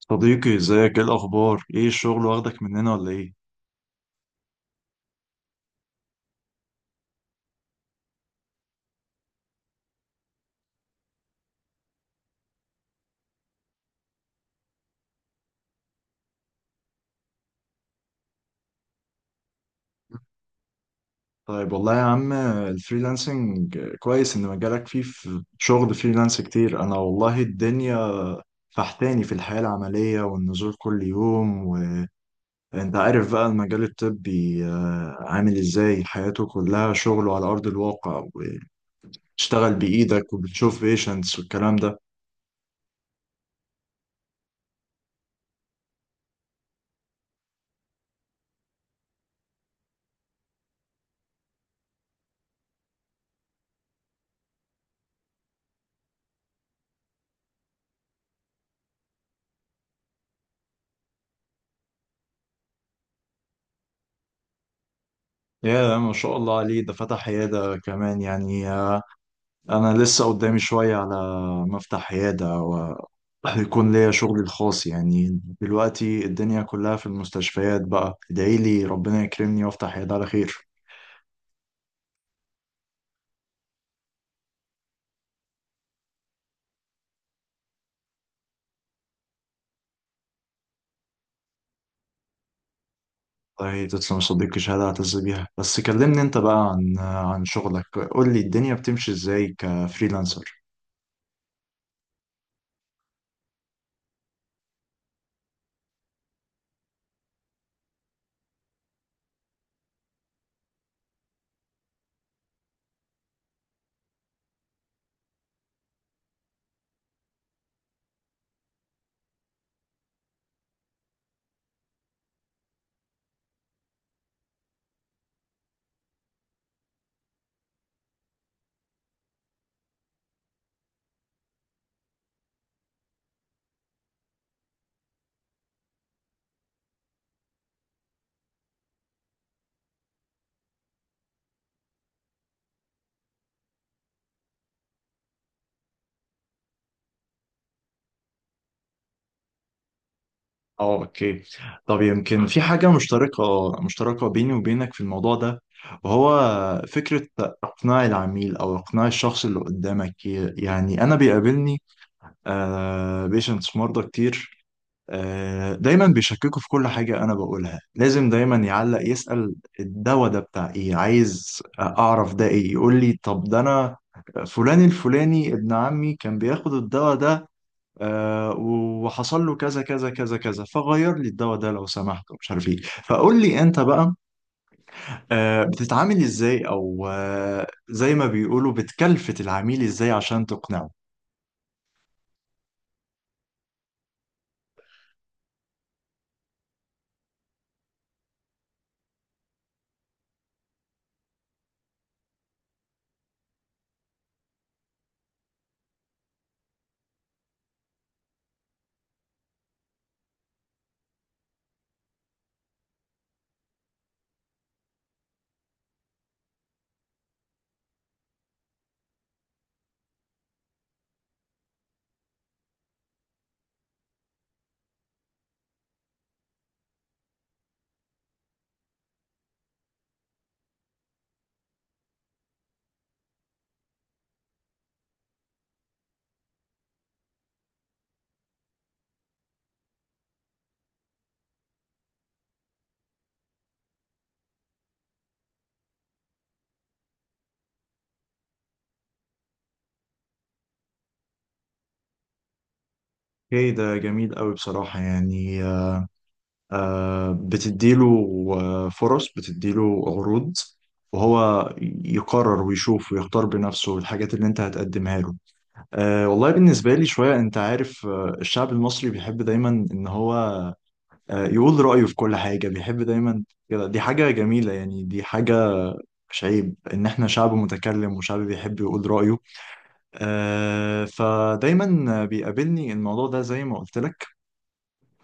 صديقي، ازيك؟ ايه الاخبار؟ ايه الشغل، واخدك مننا ولا ايه؟ طيب والله يا عم، الفريلانسنج كويس ان مجالك فيه في شغل فريلانس كتير. انا والله الدنيا فحتاني في الحياة العملية والنزول كل يوم. وانت عارف بقى المجال الطبي، عامل ازاي؟ حياته كلها شغل على ارض الواقع، وتشتغل بايدك وبتشوف بيشنتس والكلام ده. يا ما شاء الله عليه، ده فتح عيادة كمان يعني. انا لسه قدامي شوية على ما افتح عيادة ويكون ليا شغلي الخاص. يعني دلوقتي الدنيا كلها في المستشفيات، بقى ادعي لي ربنا يكرمني وافتح عيادة على خير. والله تسلم يا صديقي، شهادة اعتز بيها. بس كلمني انت بقى عن شغلك، قول لي الدنيا بتمشي ازاي كفريلانسر. اه، اوكي. طب يمكن في حاجة مشتركة مشتركة بيني وبينك في الموضوع ده، وهو فكرة إقناع العميل أو إقناع الشخص اللي قدامك. يعني أنا بيقابلني بيشنتس مرضى كتير. دايما بيشككوا في كل حاجة أنا بقولها، لازم دايما يعلق يسأل الدواء ده بتاع إيه، عايز أعرف ده إيه، يقول لي طب ده أنا فلان الفلاني ابن عمي كان بياخد الدواء ده، وحصل له كذا كذا كذا كذا، فغير لي الدواء ده لو سمحت مش عارف إيه. فقول لي أنت بقى، بتتعامل إزاي؟ أو زي ما بيقولوا، بتكلفت العميل إزاي عشان تقنعه؟ اوكي، ده جميل قوي بصراحة يعني. بتديله فرص، بتديله عروض، وهو يقرر ويشوف ويختار بنفسه الحاجات اللي انت هتقدمها له. أه والله، بالنسبة لي شوية، انت عارف الشعب المصري بيحب دايما ان هو يقول رأيه في كل حاجة، بيحب دايما كده. دي حاجة جميلة يعني، دي حاجة مش عيب، ان احنا شعب متكلم وشعب بيحب يقول رأيه. أه، فدايما بيقابلني الموضوع ده زي ما قلت لك.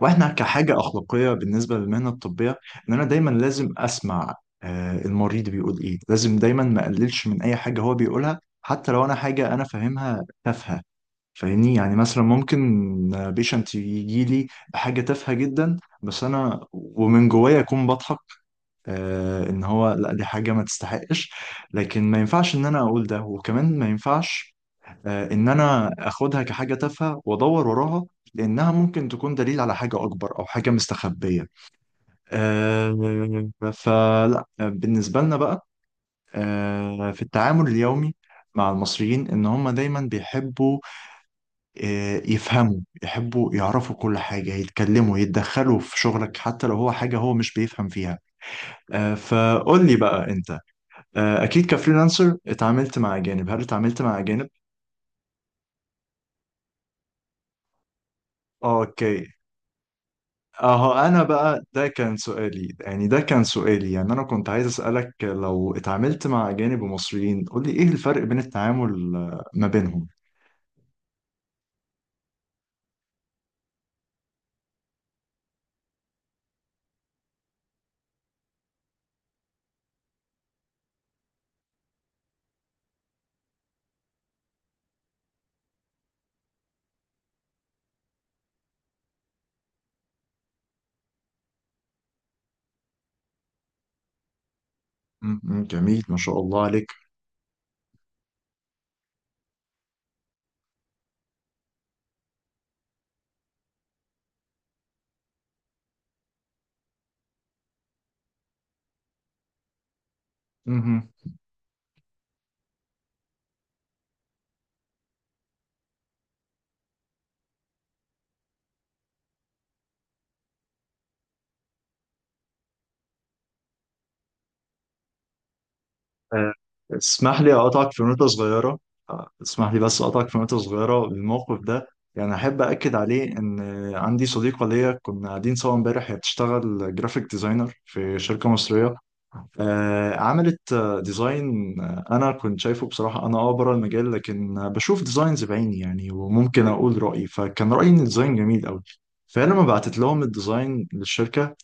واحنا كحاجه اخلاقيه بالنسبه للمهنه الطبيه، ان انا دايما لازم اسمع المريض بيقول ايه، لازم دايما ما اقللش من اي حاجه هو بيقولها، حتى لو انا حاجه انا فاهمها تافهه. فاهمني؟ يعني مثلا ممكن بيشنت يجي لي بحاجه تافهه جدا، بس انا ومن جوايا اكون بضحك ان هو لا، دي حاجه ما تستحقش. لكن ما ينفعش ان انا اقول ده، وكمان ما ينفعش ان انا اخدها كحاجه تافهه وادور وراها، لانها ممكن تكون دليل على حاجه اكبر او حاجه مستخبيه. فلا، بالنسبه لنا بقى في التعامل اليومي مع المصريين، ان هم دايما بيحبوا يفهموا، يحبوا يعرفوا كل حاجه، يتكلموا، يتدخلوا في شغلك حتى لو هو حاجه هو مش بيفهم فيها. فقول لي بقى انت، اكيد كفريلانسر اتعاملت مع اجانب. هل اتعاملت مع اجانب؟ اوكي، اهو انا بقى، ده كان سؤالي يعني انا كنت عايز اسالك لو اتعاملت مع اجانب ومصريين، قول لي ايه الفرق بين التعامل ما بينهم. م- م، جميل ما شاء الله عليك. مهم. آه، اسمح لي اقطعك في نقطه صغيره اسمح لي بس اقطعك في نقطه صغيره. الموقف ده يعني احب اكد عليه، ان عندي صديقه ليا كنا قاعدين سوا امبارح، هي بتشتغل جرافيك ديزاينر في شركه مصريه. عملت ديزاين، انا كنت شايفه بصراحه، انا بره المجال، لكن بشوف ديزاينز بعيني يعني، وممكن اقول رايي. فكان رايي ان الديزاين جميل قوي. فانا لما بعتت لهم الديزاين للشركه،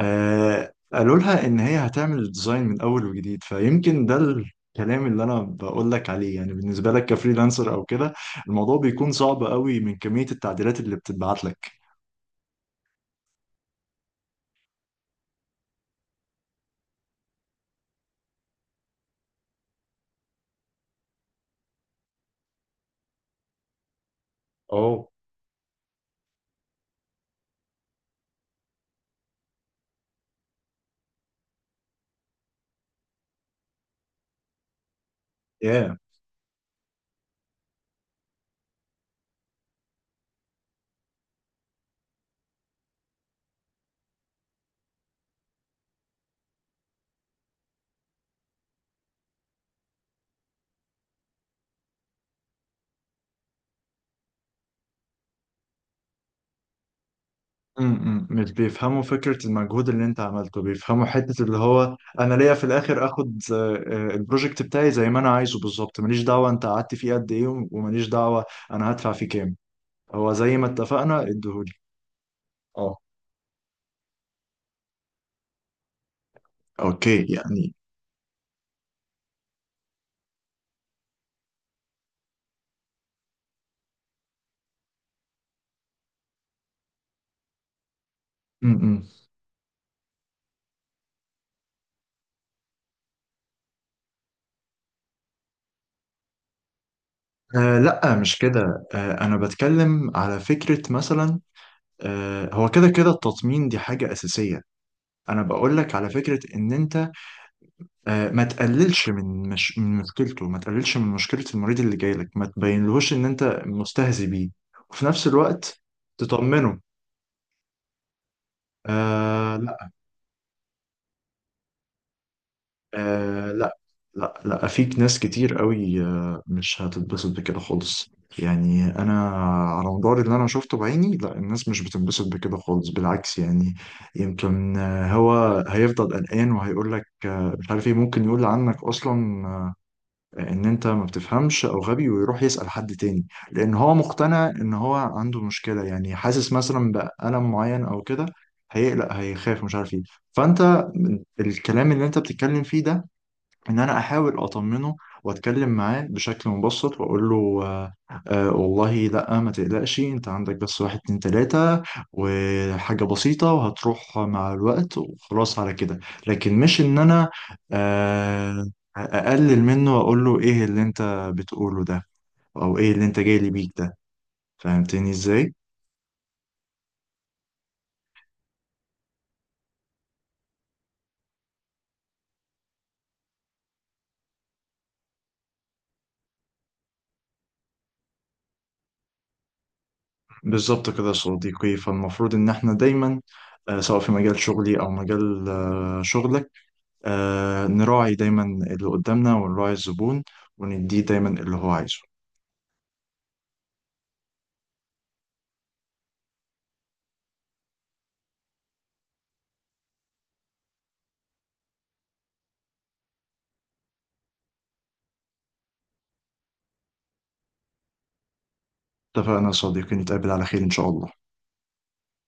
قالوا لها ان هي هتعمل الديزاين من اول وجديد. فيمكن ده الكلام اللي انا بقول لك عليه، يعني بالنسبه لك كفريلانسر او كده الموضوع بيكون صعب قوي من كميه التعديلات اللي بتتبعت لك. اوه، yeah. مش بيفهموا فكرة المجهود اللي انت عملته، بيفهموا حتة اللي هو انا ليا في الاخر اخد البروجكت بتاعي زي ما انا عايزه بالظبط. ماليش دعوة انت قعدت فيه قد ايه، وماليش دعوة انا هدفع فيه كام. هو زي ما اتفقنا اديهولي. اه، اوكي يعني. امم آه لا، مش كده. انا بتكلم على فكرة مثلا. هو كده كده التطمين دي حاجة اساسية. انا بقول لك على فكرة ان انت ما تقللش من مش... من مشكلته، ما تقللش من مشكلة المريض اللي جاي لك، ما تبينلهوش ان انت مستهزي بيه، وفي نفس الوقت تطمنه. آه لا، آه لا، لا لا، في ناس كتير قوي مش هتتبسط بكده خالص. يعني انا على مدار اللي انا شفته بعيني، لا، الناس مش بتتبسط بكده خالص، بالعكس يعني. يمكن هو هيفضل قلقان وهيقول لك مش عارف ايه، ممكن يقول عنك اصلا ان انت ما بتفهمش او غبي، ويروح يسأل حد تاني. لان هو مقتنع ان هو عنده مشكلة، يعني حاسس مثلا بألم معين او كده، هيقلق هيخاف مش عارف ايه. فانت الكلام اللي انت بتتكلم فيه ده، ان انا احاول اطمنه واتكلم معاه بشكل مبسط واقول له، آه والله لا ما تقلقش، انت عندك بس واحد اتنين تلاتة، وحاجة بسيطة، وهتروح مع الوقت وخلاص على كده. لكن مش ان انا آه اقلل منه واقول له ايه اللي انت بتقوله ده، او ايه اللي انت جاي لي بيك ده. فهمتني ازاي؟ بالظبط كده يا صديقي، فالمفروض ان احنا دايما، سواء في مجال شغلي او مجال شغلك، نراعي دايما اللي قدامنا ونراعي الزبون، ونديه دايما اللي هو عايزه. اتفقنا يا صديقي، نتقابل على خير إن شاء الله.